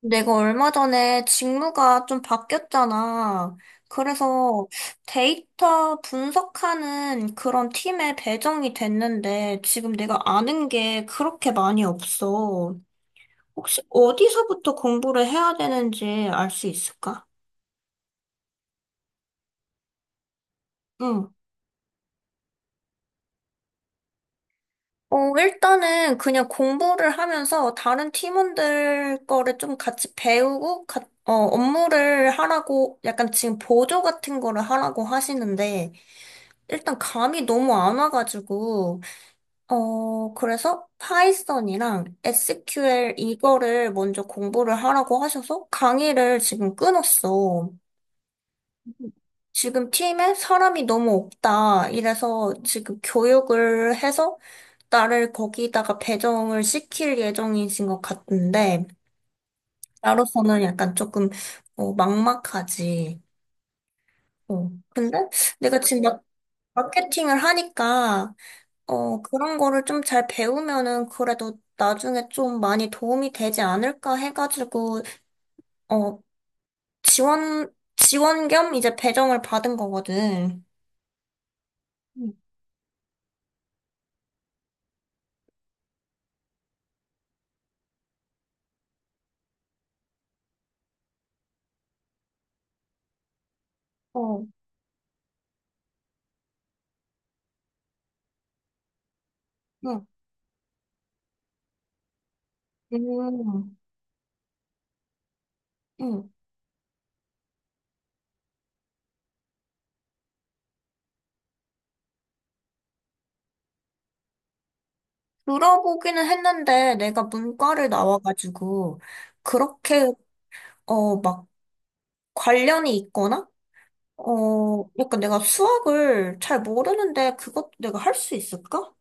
내가 얼마 전에 직무가 좀 바뀌었잖아. 그래서 데이터 분석하는 그런 팀에 배정이 됐는데 지금 내가 아는 게 그렇게 많이 없어. 혹시 어디서부터 공부를 해야 되는지 알 수 있을까? 응. 일단은 그냥 공부를 하면서 다른 팀원들 거를 좀 같이 배우고, 업무를 하라고, 약간 지금 보조 같은 거를 하라고 하시는데, 일단 감이 너무 안 와가지고, 그래서 파이썬이랑 SQL 이거를 먼저 공부를 하라고 하셔서 강의를 지금 끊었어. 지금 팀에 사람이 너무 없다. 이래서 지금 교육을 해서 나를 거기다가 배정을 시킬 예정이신 것 같은데, 나로서는 약간 조금, 막막하지. 어. 근데 내가 지금 마케팅을 하니까 그런 거를 좀 잘 배우면은 그래도 나중에 좀 많이 도움이 되지 않을까 해가지고, 어, 지원 겸 이제 배정을 받은 거거든. 음. 어, 응, 음, 응. 들어보기는 했는데 내가 문과를 나와가지고, 그렇게, 어, 막 관련이 있거나, 약간 내가 수학을 잘 모르는데 그것도 내가 할 수 있을까?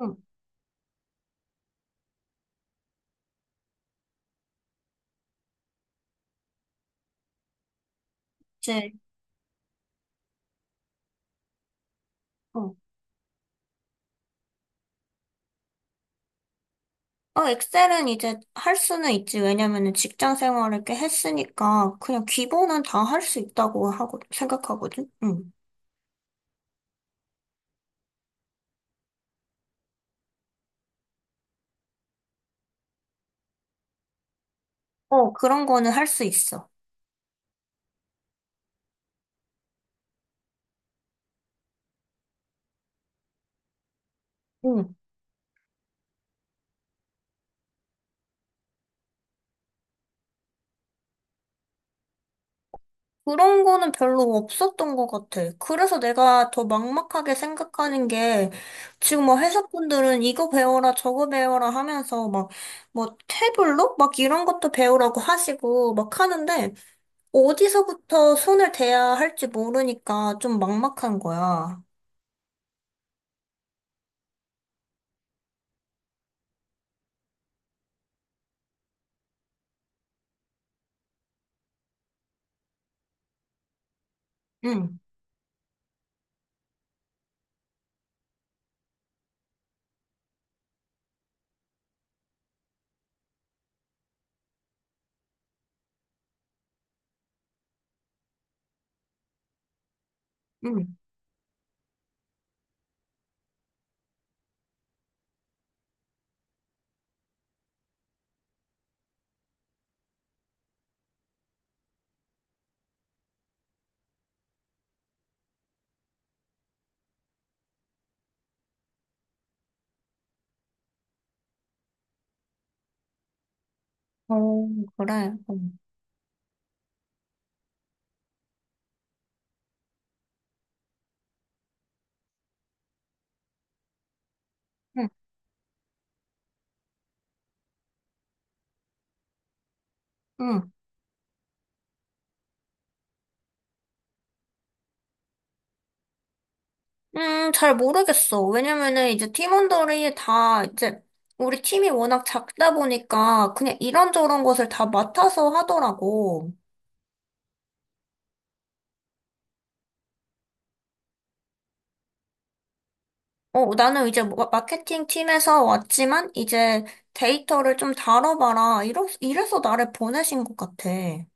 응, 이제, 어. 어, 엑셀은 이제 할 수는 있지. 왜냐면은 직장 생활을 꽤 했으니까 그냥 기본은 다 할 수 있다고 하고 생각하거든. 응. 어, 그런 거는 할 수 있어. 응. 그런 거는 별로 없었던 것 같아. 그래서 내가 더 막막하게 생각하는 게 지금 뭐 회사분들은 이거 배워라 저거 배워라 하면서 막 뭐 태블로 막 이런 것도 배우라고 하시고 막 하는데 어디서부터 손을 대야 할지 모르니까 좀 막막한 거야. 응. 응. 어, 그래. 응. 응. 응. 잘 모르겠어. 왜냐면은 이제 팀원들이 다 이제 우리 팀이 워낙 작다 보니까 그냥 이런저런 것을 다 맡아서 하더라고. 나는 이제 마케팅 팀에서 왔지만 이제 데이터를 좀 다뤄봐라. 이래서 나를 보내신 것 같아. 응.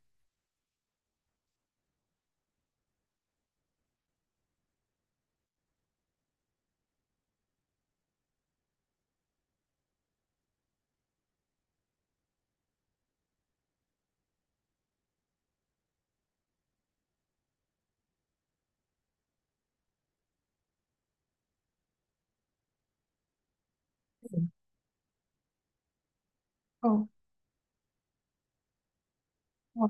어, 어,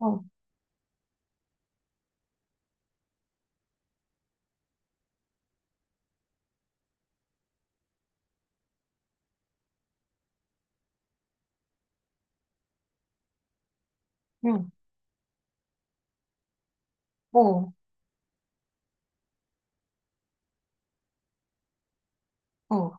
어, 응. 어, 어.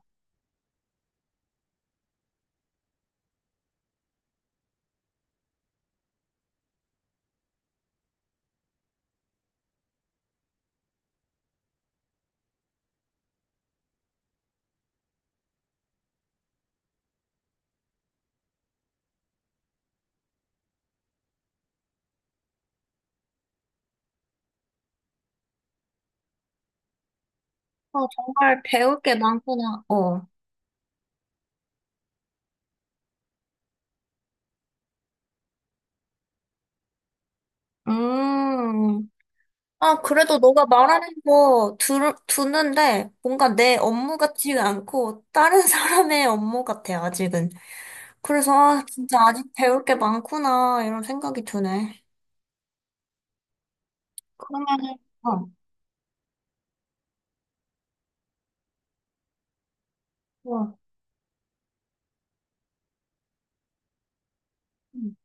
어, 정말 배울 게 많구나. 어. 음. 아, 그래도 너가 말하는 거 듣는데 뭔가 내 업무 같지가 않고 다른 사람의 업무 같아, 아직은. 그래서, 아, 진짜 아직 배울 게 많구나, 이런 생각이 드네. 그러면은, 어, 어. 음,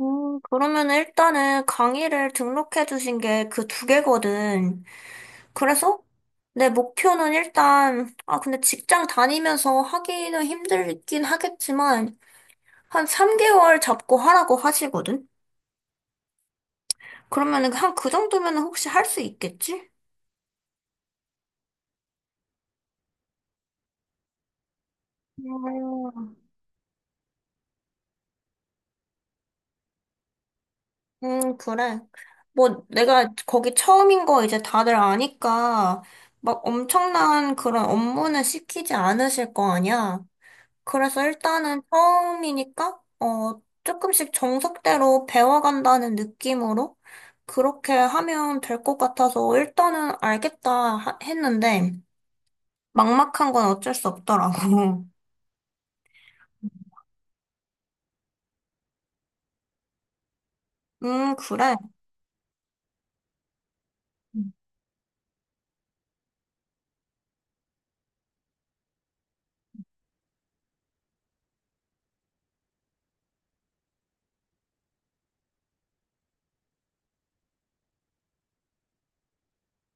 그러면은 일단은 강의를 등록해 주신 게 그 두 개거든. 그래서 내 목표는 일단, 아, 근데 직장 다니면서 하기는 힘들긴 하겠지만, 한 3개월 잡고 하라고 하시거든. 그러면은 한 그 정도면은 혹시 할 수 있겠지? 음, 그래. 뭐 내가 거기 처음인 거 이제 다들 아니까 막 엄청난 그런 업무는 시키지 않으실 거 아니야. 그래서 일단은 처음이니까 어 조금씩 정석대로 배워간다는 느낌으로 그렇게 하면 될 것 같아서 일단은 알겠다 했는데 막막한 건 어쩔 수 없더라고. 그래.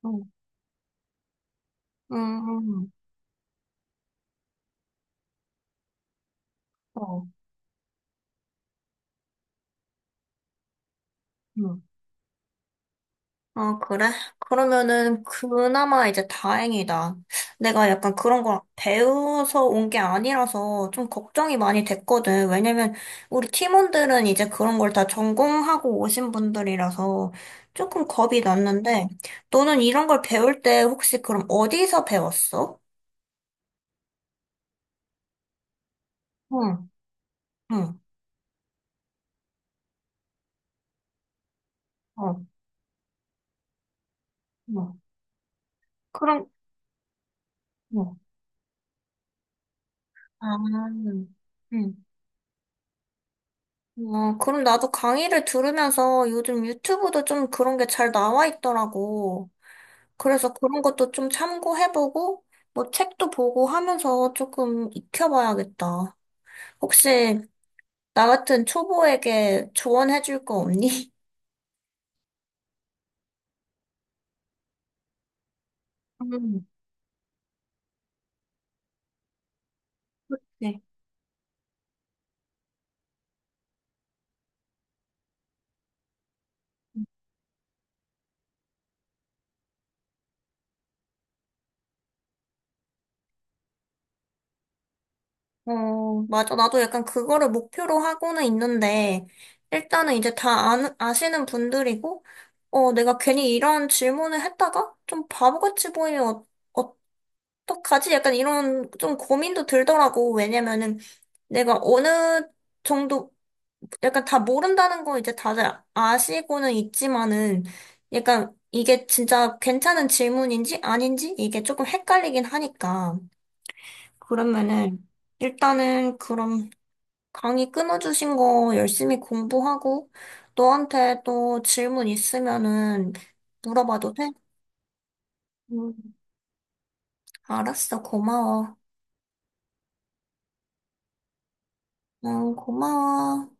음, 음. 어, 응. 아, 그래? 그러면은 그나마 이제 다행이다. 내가 약간 그런 걸 배워서 온 게 아니라서 좀 걱정이 많이 됐거든. 왜냐면 우리 팀원들은 이제 그런 걸 다 전공하고 오신 분들이라서 조금 겁이 났는데, 너는 이런 걸 배울 때 혹시 그럼 어디서 배웠어? 응, 응, 어, 응. 그럼, 응. 아, 응. 아, 그럼 나도 강의를 들으면서 요즘 유튜브도 좀 그런 게 잘 나와 있더라고. 그래서 그런 것도 좀 참고해보고, 뭐 책도 보고 하면서 조금 익혀봐야겠다. 혹시 나 같은 초보에게 조언해줄 거 없니? 음, 네. 어, 맞아. 나도 약간 그거를 목표로 하고는 있는데, 일단은 이제 아시는 분들이고, 내가 괜히 이런 질문을 했다가 좀 바보같이 보이면 어, 어떡하지? 약간 이런 좀 고민도 들더라고. 왜냐면은 내가 어느 정도, 약간 다 모른다는 거 이제 다들 아시고는 있지만은 약간 이게 진짜 괜찮은 질문인지 아닌지 이게 조금 헷갈리긴 하니까. 그러면은 일단은 그럼 강의 끊어주신 거 열심히 공부하고 너한테 또 질문 있으면은 물어봐도 돼? 응, 알았어. 고마워. 응, 고마워.